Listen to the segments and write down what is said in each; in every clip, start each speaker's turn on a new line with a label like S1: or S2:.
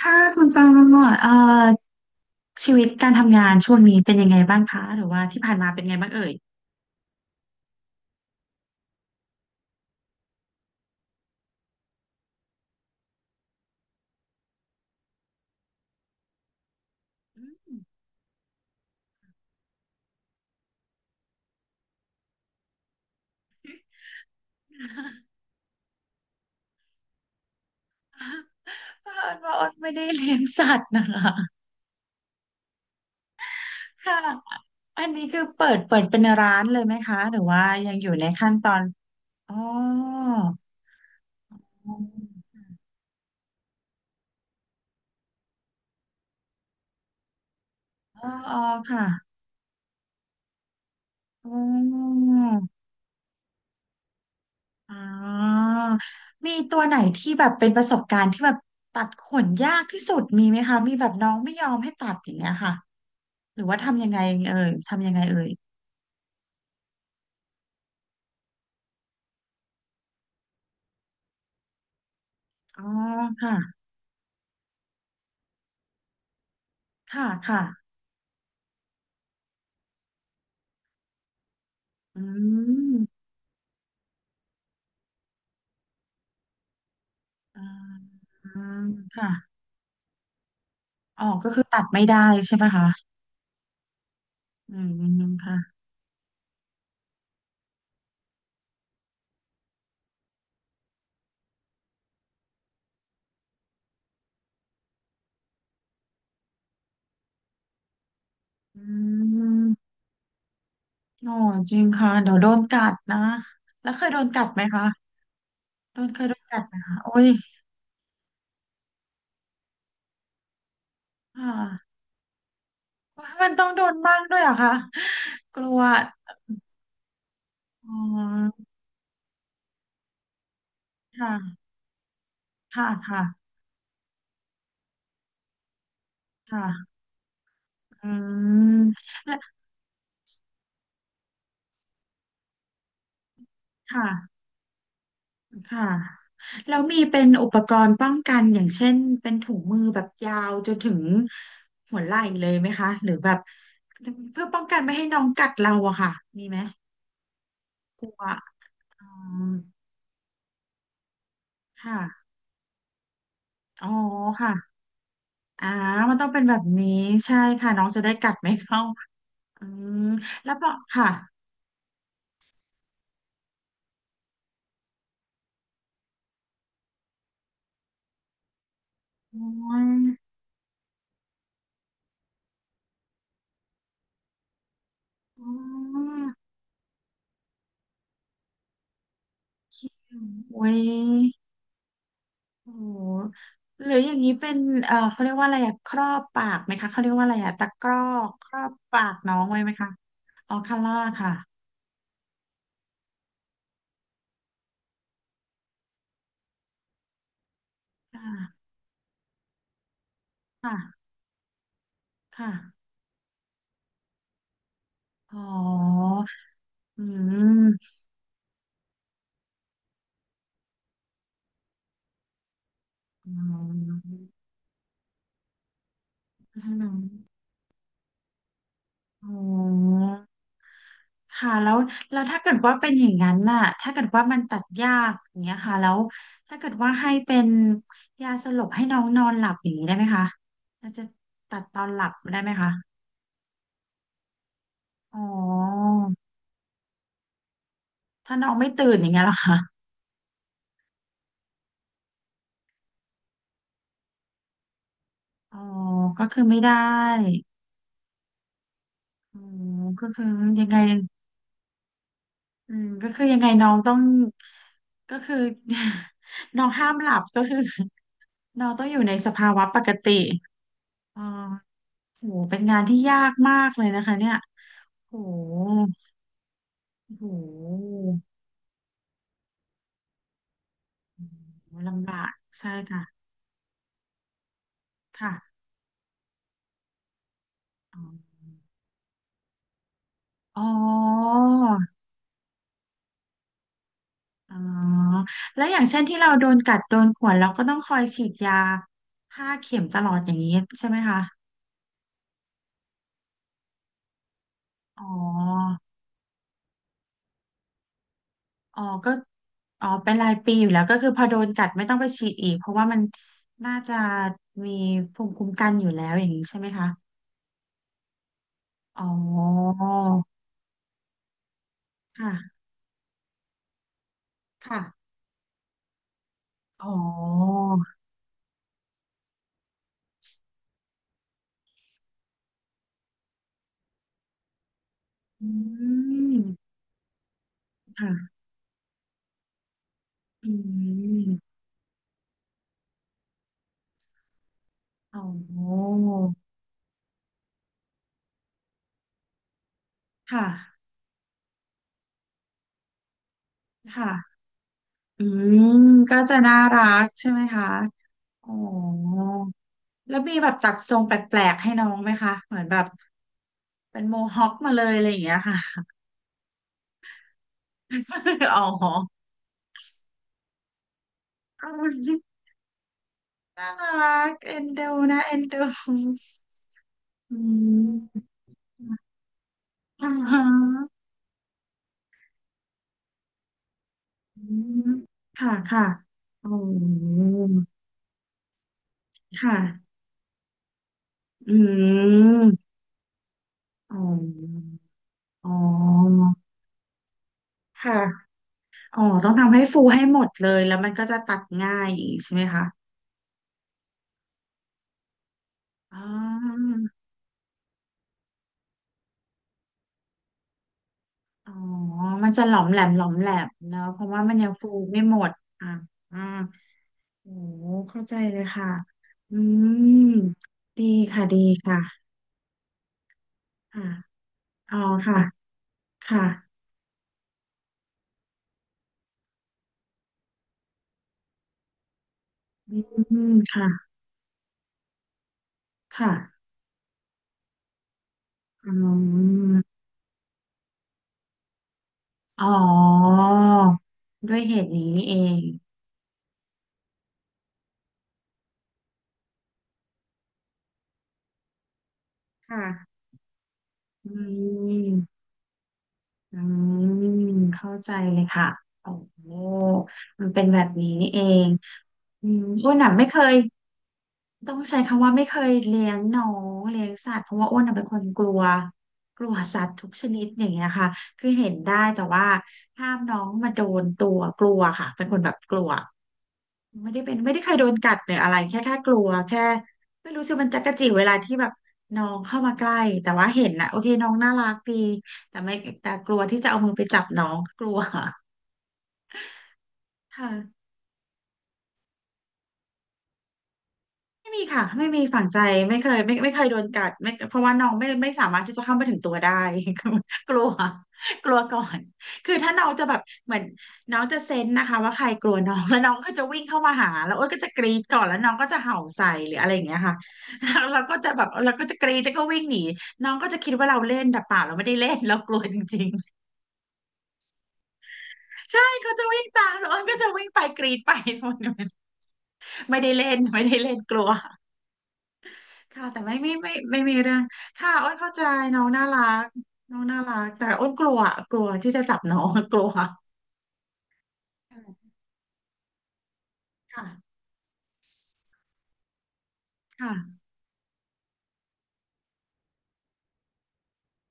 S1: ค่ะคุณตองดชีวิตการทำงานช่วงนี้เป็นยังไงบ้างคะหรือว่าที่ผ่านมาเป็นไงบ้างเอ่ย เผอิญว่าอ้นไม่ได้เลี้ยงสัตว์นะคะ ค่ะอันนี้คือเปิดเป็นร้านเลยไหมคะหรือว่ายังอยู่ในขั้นตอนอ๋ออ๋ออ๋อค่ะอ๋อ อ๋อมีตัวไหนที่แบบเป็นประสบการณ์ที่แบบตัดขนยากที่สุดมีไหมคะมีแบบน้องไม่ยอมให้ตัดอย่างเงี้ยค่ะหรือว่าทำยังไงเอ่ยทำยังไงเอ่ยอ๋อค่ะค่ะค่ะอืมอ่าอืมค่ะอ๋อก็คือตัดไม่ได้ใช่ไหมคะอืมค่ะอืมอ๋อจริงค่ะเดี๋ยวโดนกัดนะแล้วเคยโดนกัดไหมคะโดนเคยโดนกัดไหมคะโอ้ยค่ะ มันต้องโดนบ้างด้วยเหรอคะกลัวอ๋อค่ะค่ะค่ะค่ะอืมและค่ะค่ะแล้วมีเป็นอุปกรณ์ป้องกันอย่างเช่นเป็นถุงมือแบบยาวจนถึงหัวไหล่เลยไหมคะหรือแบบเพื่อป้องกันไม่ให้น้องกัดเราอะค่ะมีไหมกลัวอืมค่ะอ๋อค่ะอ่ามันต้องเป็นแบบนี้ใช่ค่ะน้องจะได้กัดไม่เข้าอืมแล้วบอค่ะอ๋อ อ๋อโอ้ยโอ้โหหรืออย่างนี้เป็นเขาเรียกว่าอะไรอะครอบปากไหมคะ เขาเรียกว่าอะไรอะตะกร้อครอบปากน้องไว้ไหมคะอ๋อคาร่าค่ะค่ะค่ะค่ะอ๋ออืมอืมให้น้องอ๋อ ค่ะแล้วถ้าเกิดว่าเป็นอย่างนั้นน่ะถ้าเกิดว่ามันตัดยากอย่างเงี้ยค่ะแล้วถ้าเกิดว่าให้เป็นยาสลบให้น้องนอนหลับอย่างนี้ได้ไหมคะเราจะตัดตอนหลับได้ไหมคะอ๋อถ้าน้องไม่ตื่นอย่างเงี้ยเหรอคะอ๋อก็คือไม่ได้อ๋อก็คือยังไงอืมก็คือยังไงน้องต้องก็คือ น้องห้ามหลับก็คือ น้องต้องอยู่ในสภาวะปกติอ๋อโหเป็นงานที่ยากมากเลยนะคะเนี่ย โหโหลำบากใช่ค่ะค่ะอ๋ออ๋ออ๋อแล้วอย่างเช่นที่เราโดนกัดโดนข่วนเราก็ต้องคอยฉีดยาห้าเข็มตลอดอย่างนี้ใช่ไหมคะอ๋ออ๋อก็อ๋อเป็นรายปีอยู่แล้วก็คือพอโดนกัดไม่ต้องไปฉีดอีกเพราะว่ามันน่าจะมีภูมิคุ้มกันอยู่แล้วอย่างนี้ใช่ไหมคะอ๋อค่ะค่ะอ๋ออืมค่ะ อืมอ๋อค่ะค่ะ อืมก็จะน่ารักใช่ไหมคะอ๋อแล้วมีแบบตัดทรงแปลกๆให้น้องไหมคะเหมือนแบบเป็นโมฮอคมาเลยอะไรอย่างเงี้ยค่ะ อ๋ออ๋อน่ารักเอ็นดูนะเอ็นดูอืมอ่าฮะอืมค่ะค่ะอ๋อค่ะอืมอ๋ออ๋อค่ะ อ๋อต้องทำให้ฟูให้หมดเลย แล้วมันก็จะตัดง่ายอีกใช่ไหมคะ อ๋ออ๋อมันจะหลอมแหลมเนอะเพราะว่ามันยังฟูไม่หมดอ่ะอ่าโอ้เข้าใจเลยค่ะ อืม ดีค่ะดีค่ะค่ะอ๋อค่ะ ค่ะอืมค่ะค่ะอืมอ๋อ ด้วยเหตุนี้เอง ค่ะ อืม อืมเข้าใจเลยค่ะโอ้โหมันเป็นแบบนี้นี่เองอืมอ้วนหนัไม่เคยต้องใช้คำว่าไม่เคยเลี้ยงน้องเลี้ยงสัตว์เพราะว่าอ้วนน่ะเป็นคนกลัวกลัวสัตว์ทุกชนิดอย่างเงี้ยค่ะคือเห็นได้แต่ว่าห้ามน้องมาโดนตัวกลัวค่ะเป็นคนแบบกลัว ไม่ได้เป็นไม่ได้เคยโดนกัดหรืออะไรแค่กลัวแค่ไม่รู้สึกมันจักระจิ้เวลาที่แบบน้องเข้ามาใกล้แต่ว่าเห็นนะโอเคน้องน่ารักดีแต่ไม่แต่กลัวที่จะเอามือไปจับน้องกลัวค่ะ ไม่มีค่ะไม่มีฝังใจไม่เคยไม่เคยโดนกัดไม่เพราะว่าน้องไม่สามารถที่จะเข้าไปถึงตัวได้ คือกลัวกลัวก่อนคือถ้าน้องจะแบบเหมือนน้องจะเซนส์นะคะว่าใครกลัวน้องแล้วน้องก็จะวิ่งเข้ามาหาแล้วโอนก็จะกรีดก่อนแล้วน้องก็จะเห่าใส่หรืออะไรอย่างเงี้ยค่ะ แล้วเราก็จะแบบเราก็จะกรีดแล้วก็วิ่งหนีน้องก็จะคิดว่าเราเล่นแต่เปล่าเราไม่ได้เล่นเรากลัวจริงๆใช่เขาจะวิ่งตามแล้วโอ้วก็จะวิ่งไปกรีดไป มันไม่ได้เล่นไม่ได้เล่นกลัว ค่ะแต่ไม่ไมมีเรื่องค่ะอ้นเข้าใจน้องน่ารักน้องน่ารักแต่อ้นกลัวกลัวที่จะจับน้องกลัวค่ะค่ะค่ะ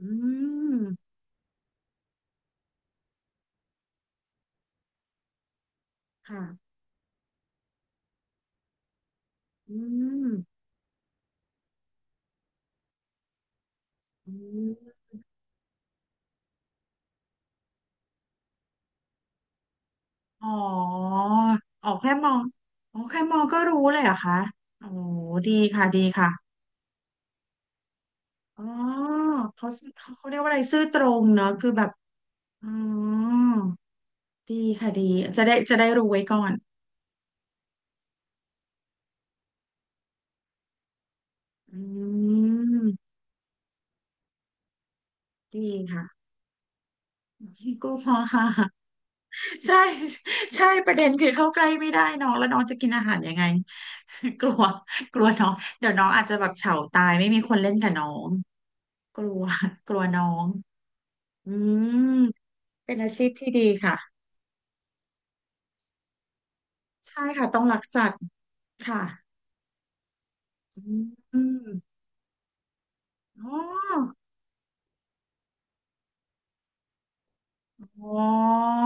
S1: อืมค่ะอืมอืมอ๋ออ๋อแค่มองอ๋อแค่มองก็รู้เลยเหรอคะโอ้ดีค่ะดีค่ะอ๋อเขาเขาเรียกว่าอะไรซื่อตรงเนอะคือแบบอ๋อดีค่ะดีจะได้จะได้รู้ไว้ก่อนอืมดีค่ะ ก็พอค่ะ ใช่ใช่ประเด็นคือเข้าใกล้ไม่ได้น้องแล้วน้องจะกินอาหารยังไง กลัวกลัวน้องเดี๋ยวน้องอาจจะแบบเฉาตายไม่มีคนเล่นกับน้องกลัวกลัวน้องอืมเป็นอาชีพที่ดีค่ะใช่ค่ะต้องรักสัตว์ค่ะอืมอ๋ออ๋อ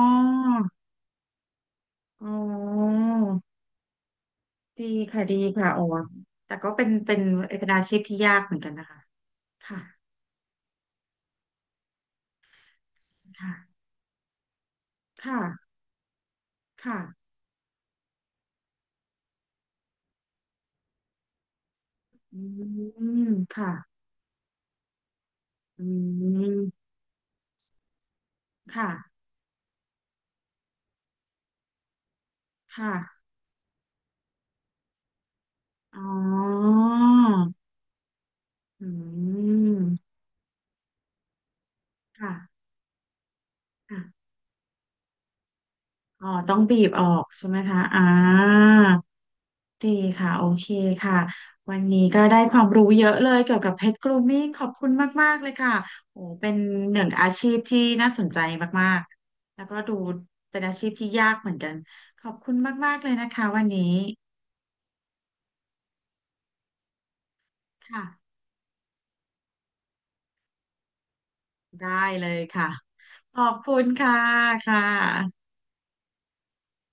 S1: อ๋อดีค่ะดีค่ะโอ๋แต่ก็เป็นเป็นอาชีพที่ยากเหมือนกันนะคะค่ะค่ะค่ะค่ะ อืมค่ะอืมค่ะค่ะอ๋ออืมค่ะค่ะอ๋อต้องบีบออกใช่ไหมคะอ่าดีค่ะโอเคค่ะวันนี้ก็ได้ความรู้เยอะเลยเกี่ยวกับเพชรกรูมมิ่งขอบคุณมากๆเลยค่ะโอ้เป็นหนึ่งอาชีพที่น่าสนใจมากๆแล้วก็ดูเป็นอาชีพที่ยากเหมือนกัน ขอบคุณมากๆเลยนะคะวันนี้ค่ะ ได้เลยค่ะขอบคุณค่ะค่ะ